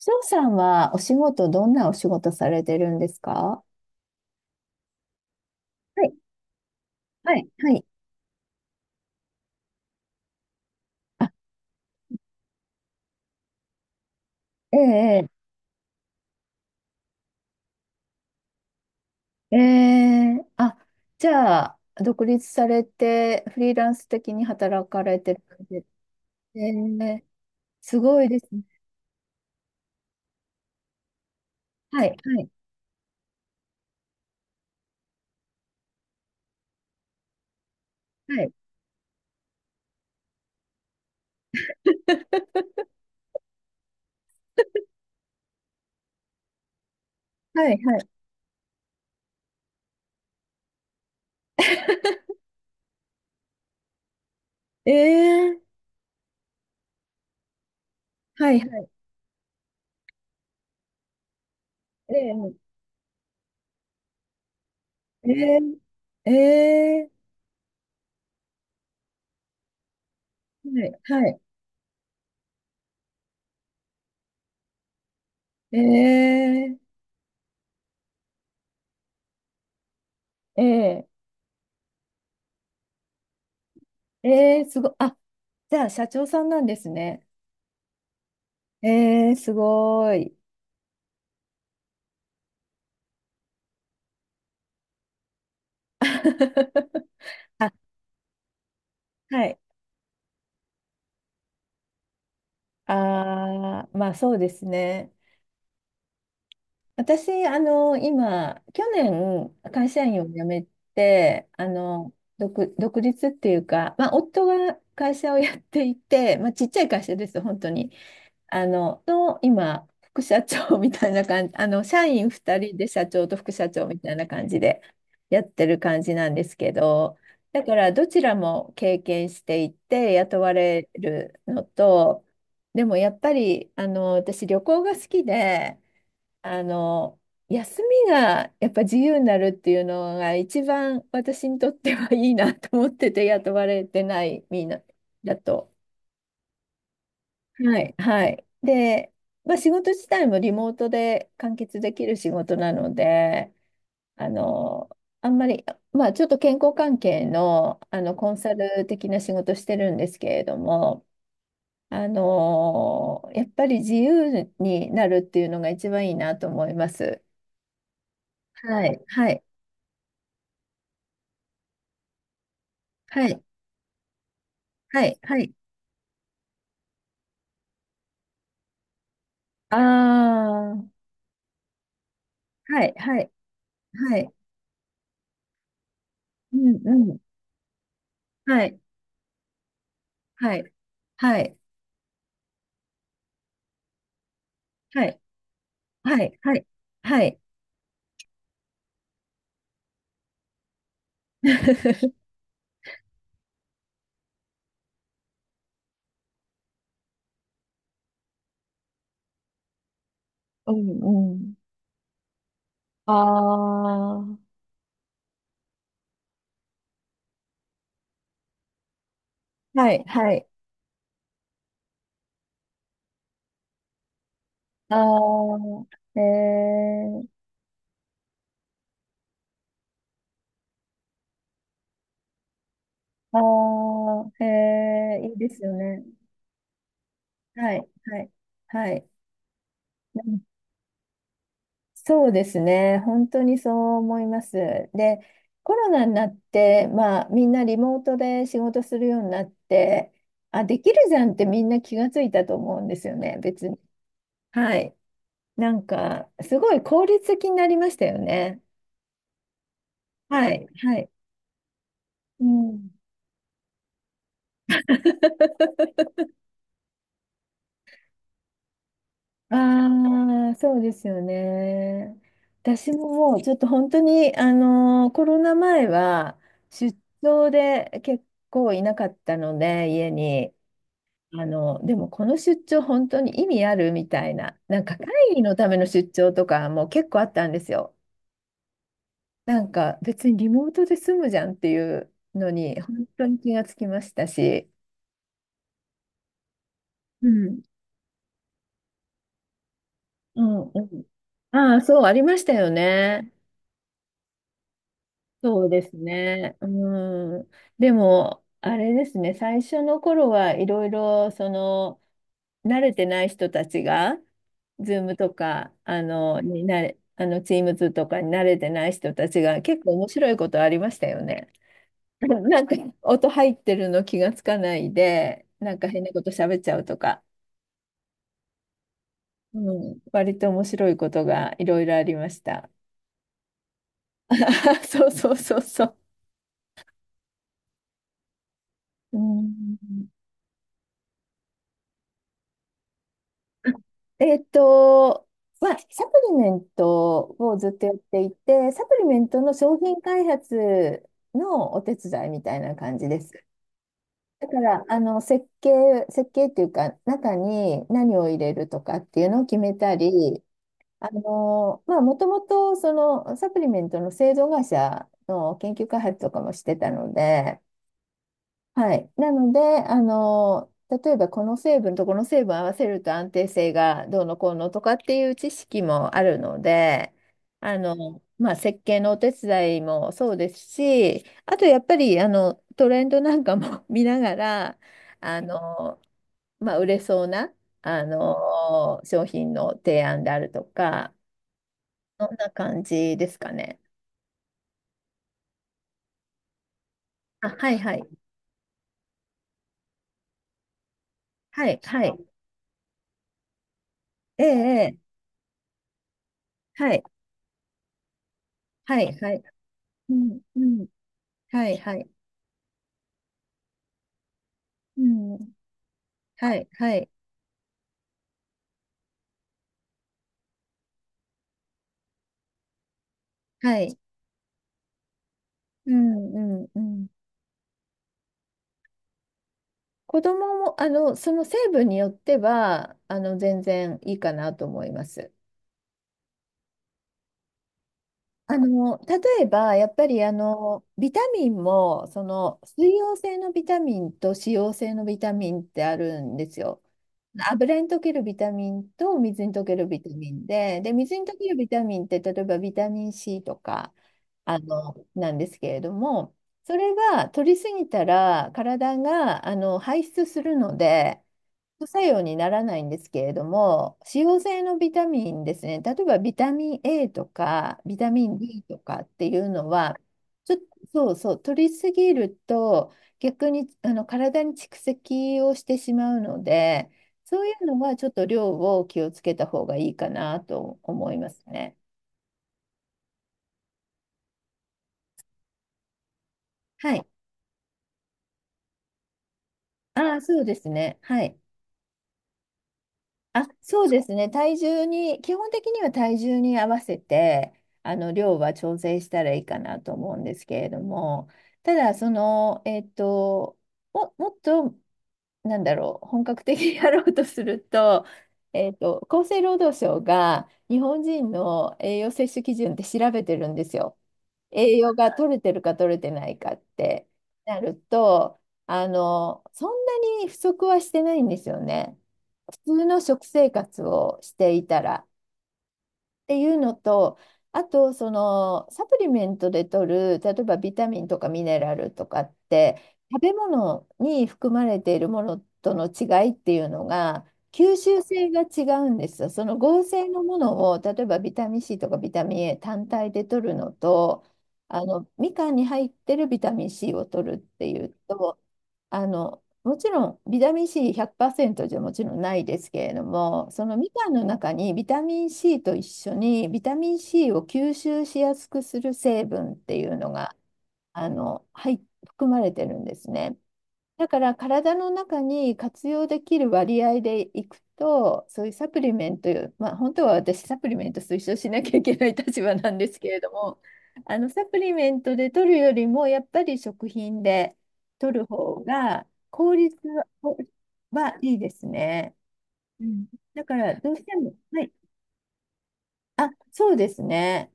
翔さんはお仕事、どんなお仕事されてるんですか？はい、はい、はい。あ、ええ、ええ、ええあ、じゃあ、独立されて、フリーランス的に働かれてるんで、ええ、すごいですね。はい、はい、はい、はい、はい、ええ、はい、はい、ええ、ええ、ええ、はい、はい、ええ、ええ、ええ、すごい、あ、じゃあ、社長さんなんですね。ええ、すごい。あ、はい。ああ、まあそうですね。私、今、去年、会社員を辞めて、独立っていうか、まあ、夫が会社をやっていて、まあ、ちっちゃい会社です、本当に。今、副社長みたいな感じ、あの、社員2人で社長と副社長みたいな感じでやってる感じなんですけど、だからどちらも経験していて雇われるのと、でもやっぱり、私旅行が好きで、あの、休みがやっぱ自由になるっていうのが一番私にとってはいいなと思ってて雇われてないみんなだと。はい、はい。で、まあ、仕事自体もリモートで完結できる仕事なので、あの、あんまり、まあ、ちょっと健康関係の、コンサル的な仕事してるんですけれども、やっぱり自由になるっていうのが一番いいなと思います。はい、はい、はい、はい、はい。ああ、はい、はい、はい。うん、うん。はい、はい、はい、はい、はい、はい。はい うんうん。ああはい、はい。ああへえ、ああへえ、いいですよね。はい、はい、はい。うんそうですね。本当にそう思います。で、コロナになって、まあ、みんなリモートで仕事するようになって、あ、できるじゃんってみんな気がついたと思うんですよね、別に。はい。なんか、すごい効率的になりましたよね。はい、はい。うん。ああ、そうですよね。私ももうちょっと本当に、コロナ前は出張で結構いなかったので、家に。でもこの出張本当に意味あるみたいな、なんか会議のための出張とかも結構あったんですよ。なんか別にリモートで済むじゃんっていうのに本当に気がつきましたし。うん。うんうん。ああ、そう、ありましたよね。そうですね。うん。でも、あれですね、最初の頃はいろいろ、その、慣れてない人たちが、ズームとか、あの、になれ、あの、チームズとかに慣れてない人たちが結構面白いことありましたよね。なんか、音入ってるの気がつかないで、なんか変なこと喋っちゃうとか、うん、割と面白いことがいろいろありました。そうそうそうそう。うんえっと、まあ、サプリメントをずっとやっていて、サプリメントの商品開発のお手伝いみたいな感じです。だから、設計っていうか、中に何を入れるとかっていうのを決めたり、まあ、もともと、その、サプリメントの製造会社の研究開発とかもしてたので、はい。なので、例えばこの成分とこの成分合わせると安定性がどうのこうのとかっていう知識もあるので、まあ、設計のお手伝いもそうですし、あとやっぱり、トレンドなんかも 見ながら、あの、まあ、売れそうな、商品の提案であるとか、そんな感じですかね。あ、はいはい。はいはい。ええ、ええはいはいはい。うんうんはい、はい。うん。はい、はい、はい。うん、うん、うん。子供も、その成分によっては、全然いいかなと思います。例えば、やっぱりビタミンも、その、水溶性のビタミンと脂溶性のビタミンってあるんですよ。油に溶けるビタミンと水に溶けるビタミンで、で、水に溶けるビタミンって、例えばビタミン C とか、なんですけれども、それは取りすぎたら体が排出するので、副作用にならないんですけれども、使用性のビタミンですね、例えばビタミン A とかビタミン D とかっていうのは、ちょっとそうそう、取りすぎると逆に体に蓄積をしてしまうので、そういうのはちょっと量を気をつけた方がいいかなと思いますね。はい。ああ、そうですね。はい。あ、そうですね。体重に、基本的には体重に合わせて、量は調整したらいいかなと思うんですけれども、ただ、もっと、なんだろう、本格的にやろうとすると、えっと、厚生労働省が日本人の栄養摂取基準って調べてるんですよ。栄養が取れてるか取れてないかってなると、あの、そんなに不足はしてないんですよね。普通の食生活をしていたら。っていうのと、あとそのサプリメントで取る、例えばビタミンとかミネラルとかって、食べ物に含まれているものとの違いっていうのが、吸収性が違うんですよ。その合成のものを、例えばビタミン C とかビタミン A 単体で取るのと、みかんに入ってるビタミン C を取るっていうと、あのもちろんビタミン C100% じゃもちろんないですけれども、そのみかんの中にビタミン C と一緒にビタミン C を吸収しやすくする成分っていうのがあの、はい、含まれてるんですね。だから体の中に活用できる割合でいくと、そういうサプリメント、まあ、本当は私サプリメント推奨しなきゃいけない立場なんですけれども、サプリメントで取るよりもやっぱり食品で取る方が効率は、いいですね。うんだからどうしても、はい、あ、そうですね。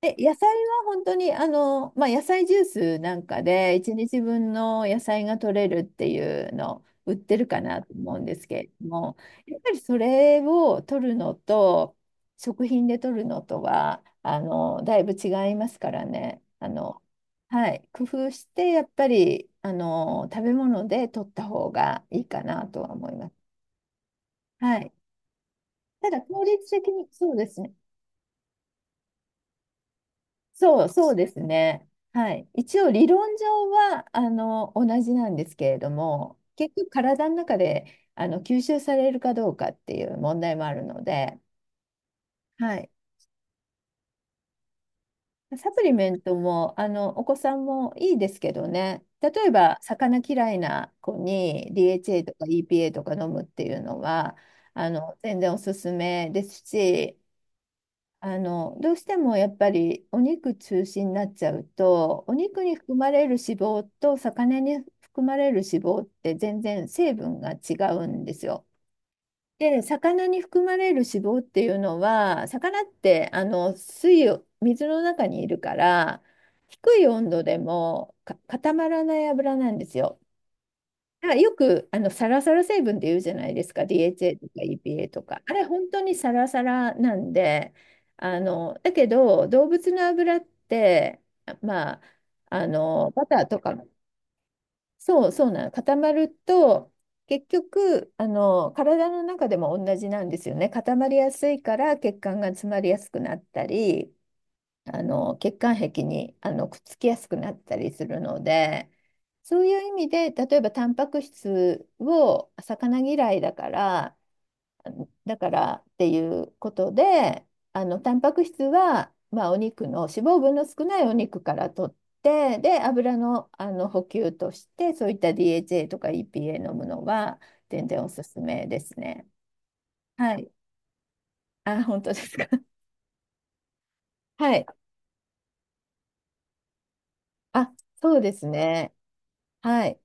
で野菜は本当に、まあ、野菜ジュースなんかで、1日分の野菜が取れるっていうの、売ってるかなと思うんですけれども、やっぱりそれを取るのと、食品で取るのとは、だいぶ違いますからね。はい、工夫して、やっぱり、食べ物で取った方がいいかなとは思います。はい。ただ、効率的に、そうですね。そう、そうですね。はい。一応理論上は同じなんですけれども、結局体の中で吸収されるかどうかっていう問題もあるので、はい。サプリメントもお子さんもいいですけどね、例えば魚嫌いな子に DHA とか EPA とか飲むっていうのは全然おすすめですし、どうしてもやっぱりお肉中心になっちゃうと、お肉に含まれる脂肪と魚に含まれる脂肪って全然成分が違うんですよ。で、魚に含まれる脂肪っていうのは、魚って水の中にいるから、低い温度でも固まらない油なんですよ。だからよくサラサラ成分って言うじゃないですか、DHA とか EPA とか。あれ本当にサラサラなんで、だけど動物の油って、まあ、バターとか、そうそうなの、固まると、結局、体の中でも同じなんですよね。固まりやすいから血管が詰まりやすくなったり、血管壁にくっつきやすくなったりするので、そういう意味で例えばタンパク質を魚嫌いだからっていうことでタンパク質は、まあ、お肉の脂肪分の少ないお肉から取ってで油の、補給としてそういった DHA とか EPA 飲むのは全然おすすめですね。はい。あ、本当ですか。はい。あ、そうですね。はい。